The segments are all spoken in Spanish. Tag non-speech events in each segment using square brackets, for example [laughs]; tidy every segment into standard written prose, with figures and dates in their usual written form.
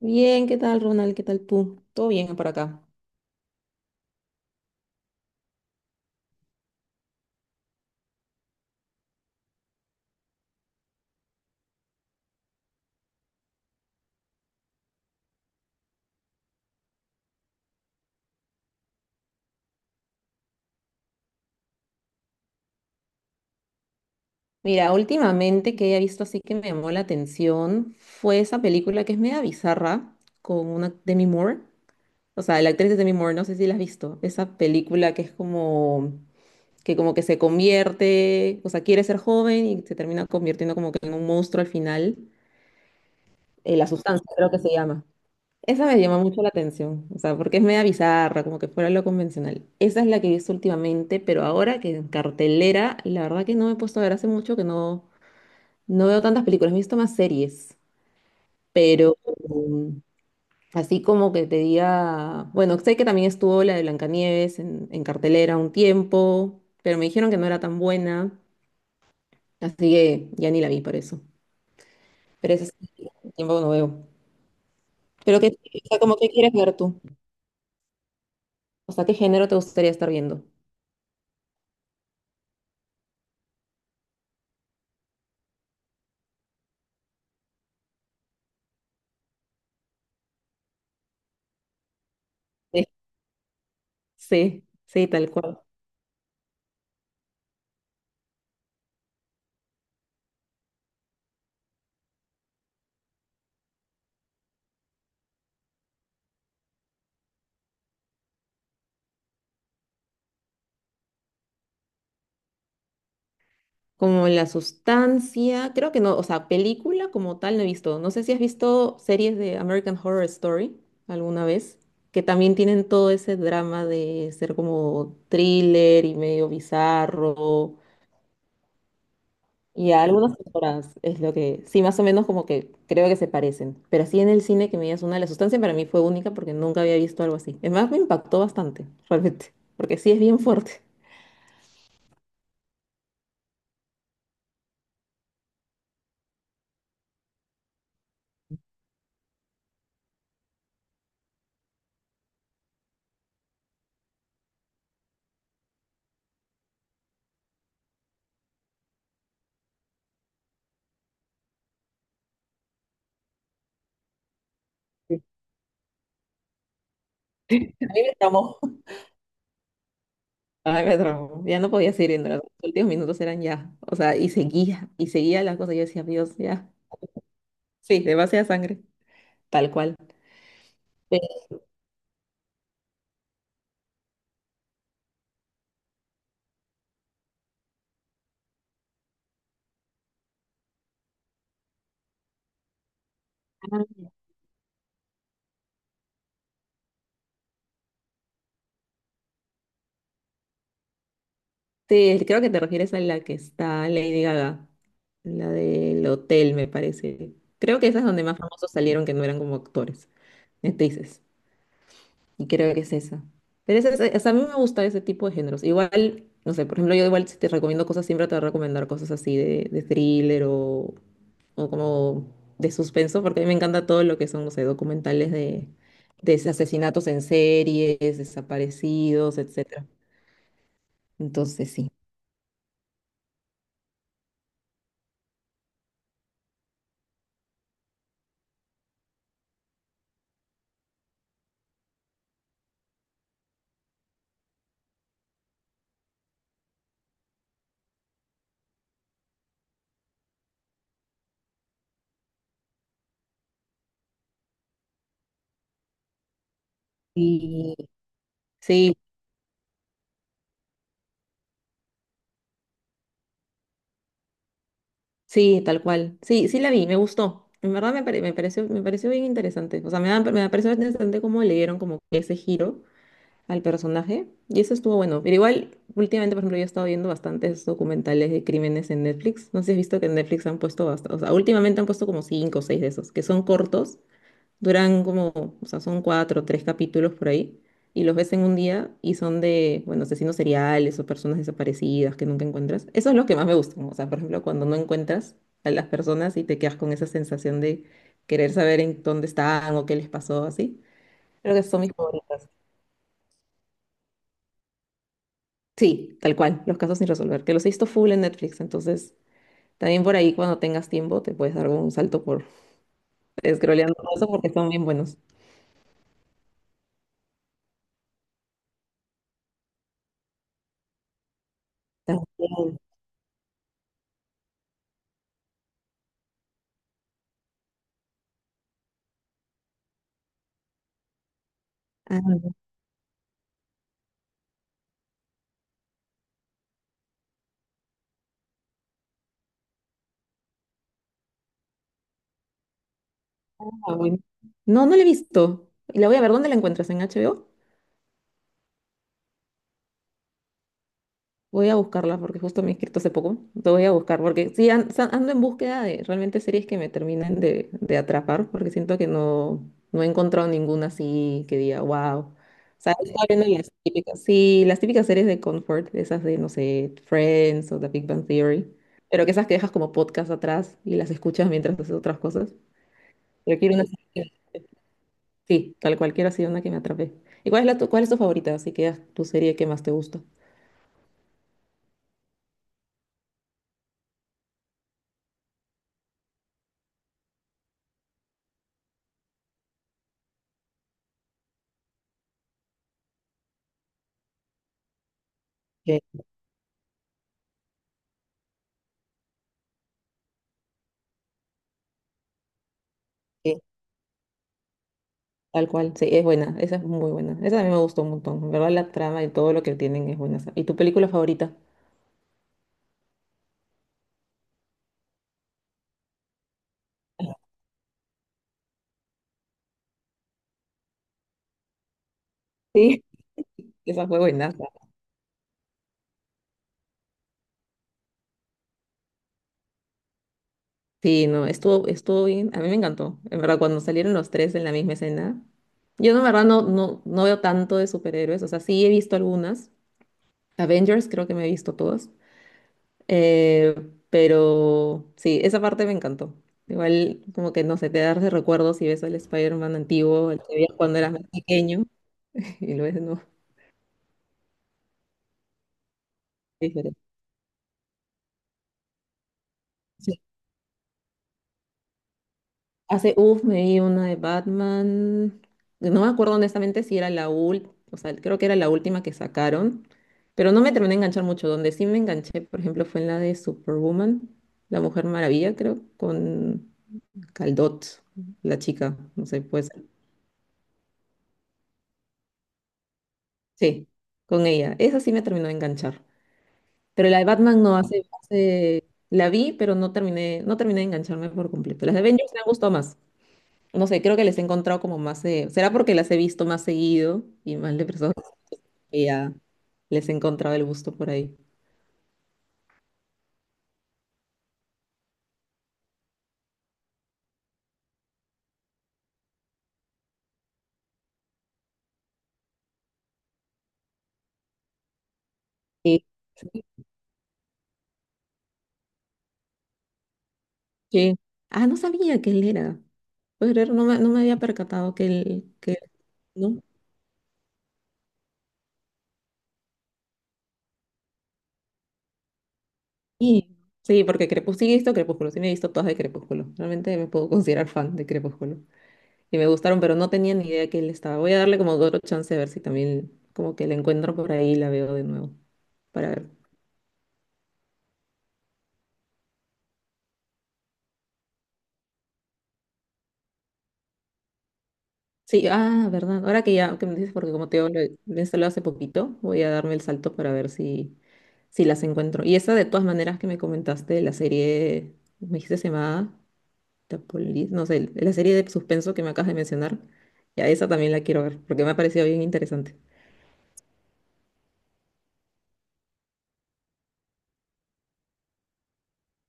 Bien, ¿qué tal, Ronald? ¿Qué tal tú? Todo bien por acá. Mira, últimamente que he visto así que me llamó la atención fue esa película que es media bizarra con una Demi Moore. O sea, la actriz de Demi Moore, no sé si la has visto. Esa película que es como que se convierte, o sea, quiere ser joven y se termina convirtiendo como que en un monstruo al final. La Sustancia, creo que se llama. Esa me llama mucho la atención, o sea, porque es media bizarra, como que fuera lo convencional. Esa es la que he visto últimamente, pero ahora que en cartelera, la verdad que no me he puesto a ver hace mucho que no veo tantas películas, he visto más series, pero así como que te diga, bueno, sé que también estuvo la de Blancanieves en cartelera un tiempo, pero me dijeron que no era tan buena, así que ya ni la vi por eso. Pero ese sí, tiempo que no veo. Pero que, o sea, como que quieres ver tú, o sea, ¿qué género te gustaría estar viendo? Sí, sí, tal cual. Como la sustancia, creo que no, o sea, película como tal no he visto. No sé si has visto series de American Horror Story alguna vez, que también tienen todo ese drama de ser como thriller y medio bizarro. Y a algunas temporadas es lo que, sí, más o menos como que creo que se parecen. Pero así en el cine que me digas una, de la sustancia para mí fue única porque nunca había visto algo así. Es más, me impactó bastante, [laughs] realmente, porque sí es bien fuerte. Sí. A mí me traumó. Ay, me traumó. Ya no podía seguir viendo. Los últimos minutos eran ya. O sea, y seguía las cosas. Yo decía, Dios, ya. Sí, demasiada sangre. Tal cual. Pero sí, creo que te refieres a la que está Lady Gaga. La del hotel, me parece. Creo que esa es donde más famosos salieron que no eran como actores, actrices. Y creo que es esa. Pero esa, o sea, a mí me gusta ese tipo de géneros. Igual, no sé, por ejemplo, yo igual si te recomiendo cosas, siempre te voy a recomendar cosas así de thriller o como de suspenso, porque a mí me encanta todo lo que son, no sé, documentales de asesinatos en series, desaparecidos, etcétera. Entonces, sí. Y sí, sí, tal cual. Sí, sí la vi, me gustó. En verdad me pareció, bien interesante. O sea, me pareció interesante cómo le dieron como que ese giro al personaje. Y eso estuvo bueno. Pero igual, últimamente, por ejemplo, yo he estado viendo bastantes documentales de crímenes en Netflix. No sé si has visto que en Netflix han puesto bastante. O sea, últimamente han puesto como cinco o seis de esos, que son cortos. Duran como, o sea, son cuatro o tres capítulos por ahí, y los ves en un día y son de, bueno, asesinos seriales o personas desaparecidas que nunca encuentras. Eso es lo que más me gusta, ¿no? O sea, por ejemplo, cuando no encuentras a las personas y te quedas con esa sensación de querer saber en dónde están o qué les pasó, así. Creo que son mis favoritas. Sí, tal cual, los casos sin resolver, que los he visto full en Netflix, entonces también por ahí cuando tengas tiempo te puedes dar un salto por scrolleando todo eso porque son bien buenos. También. ah, Ah, bueno. No, no la he visto. Y la voy a ver, ¿dónde la encuentras? ¿En HBO? Voy a buscarla porque justo me he inscrito hace poco. Te voy a buscar porque sí, ando en búsqueda de realmente series que me terminen de atrapar porque siento que no he encontrado ninguna así que diga, wow. O sea, estaba viendo las típicas, sí, las típicas series de comfort, esas de, no sé, Friends o The Big Bang Theory, pero que esas que dejas como podcast atrás y las escuchas mientras haces otras cosas. Pero quiero una serie. Sí, tal cualquiera ha sido una que me atrapé. ¿Y cuál es cuál es tu favorita? Así que es tu serie que más te gusta. Sí, sí. Tal cual, sí, es buena, esa es muy buena. Esa a mí me gustó un montón. En verdad, la trama y todo lo que tienen es buena, esa. ¿Y tu película favorita? Sí. [laughs] Esa fue buena. Sí, no, estuvo bien. A mí me encantó. En verdad, cuando salieron los tres en la misma escena. Yo, no, en verdad, no veo tanto de superhéroes. O sea, sí he visto algunas. Avengers creo que me he visto todas. Eh, pero sí, esa parte me encantó. Igual, como que no sé, te das de recuerdos y ves al Spider-Man antiguo, el que veías cuando eras más pequeño, [laughs] y lo ves de nuevo. Es diferente. Sí. Hace, uff, me vi una de Batman. No me acuerdo honestamente si era la última, o sea, creo que era la última que sacaron, pero no me terminé de enganchar mucho. Donde sí me enganché, por ejemplo, fue en la de Superwoman, La Mujer Maravilla, creo, con Caldot, la chica, no sé, pues. Sí, con ella. Esa sí me terminó de enganchar. Pero la de Batman no hace, no hace- la vi, pero no terminé de engancharme por completo. Las de Avengers me han gustado más. No sé, creo que les he encontrado como más ¿será porque las he visto más seguido y más de personas que ya les he encontrado el gusto por ahí? Sí. Sí. Sí. Ah, no sabía que él era. ¿Puedes creer? No me había percatado que él, ¿no? Sí. Sí, porque Crepúsculo, sí he visto Crepúsculo, sí me he visto todas de Crepúsculo. Realmente me puedo considerar fan de Crepúsculo, y me gustaron, pero no tenía ni idea que él estaba. Voy a darle como otro chance a ver si también como que la encuentro por ahí y la veo de nuevo para ver. Sí, ah, verdad. Ahora que ya que me dices, porque como te digo, lo he instalado hace poquito, voy a darme el salto para ver si las encuentro. Y esa de todas maneras que me comentaste, la serie, me dijiste se llamaba The Police, no sé, la serie de suspenso que me acabas de mencionar, ya esa también la quiero ver, porque me ha parecido bien interesante.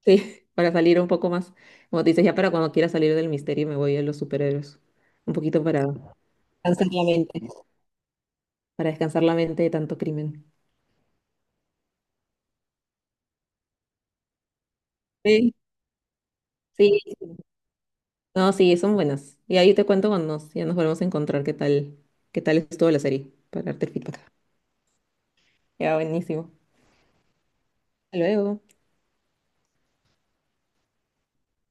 Sí, [laughs] para salir un poco más. Como te dices, ya para cuando quiera salir del misterio me voy a los superhéroes. Un poquito para descansar la mente. Para descansar la mente de tanto crimen. Sí. Sí, no, sí, son buenas. Y ahí te cuento cuando ya nos volvemos a encontrar qué tal estuvo la serie para darte el feedback. Ya, buenísimo. Hasta luego.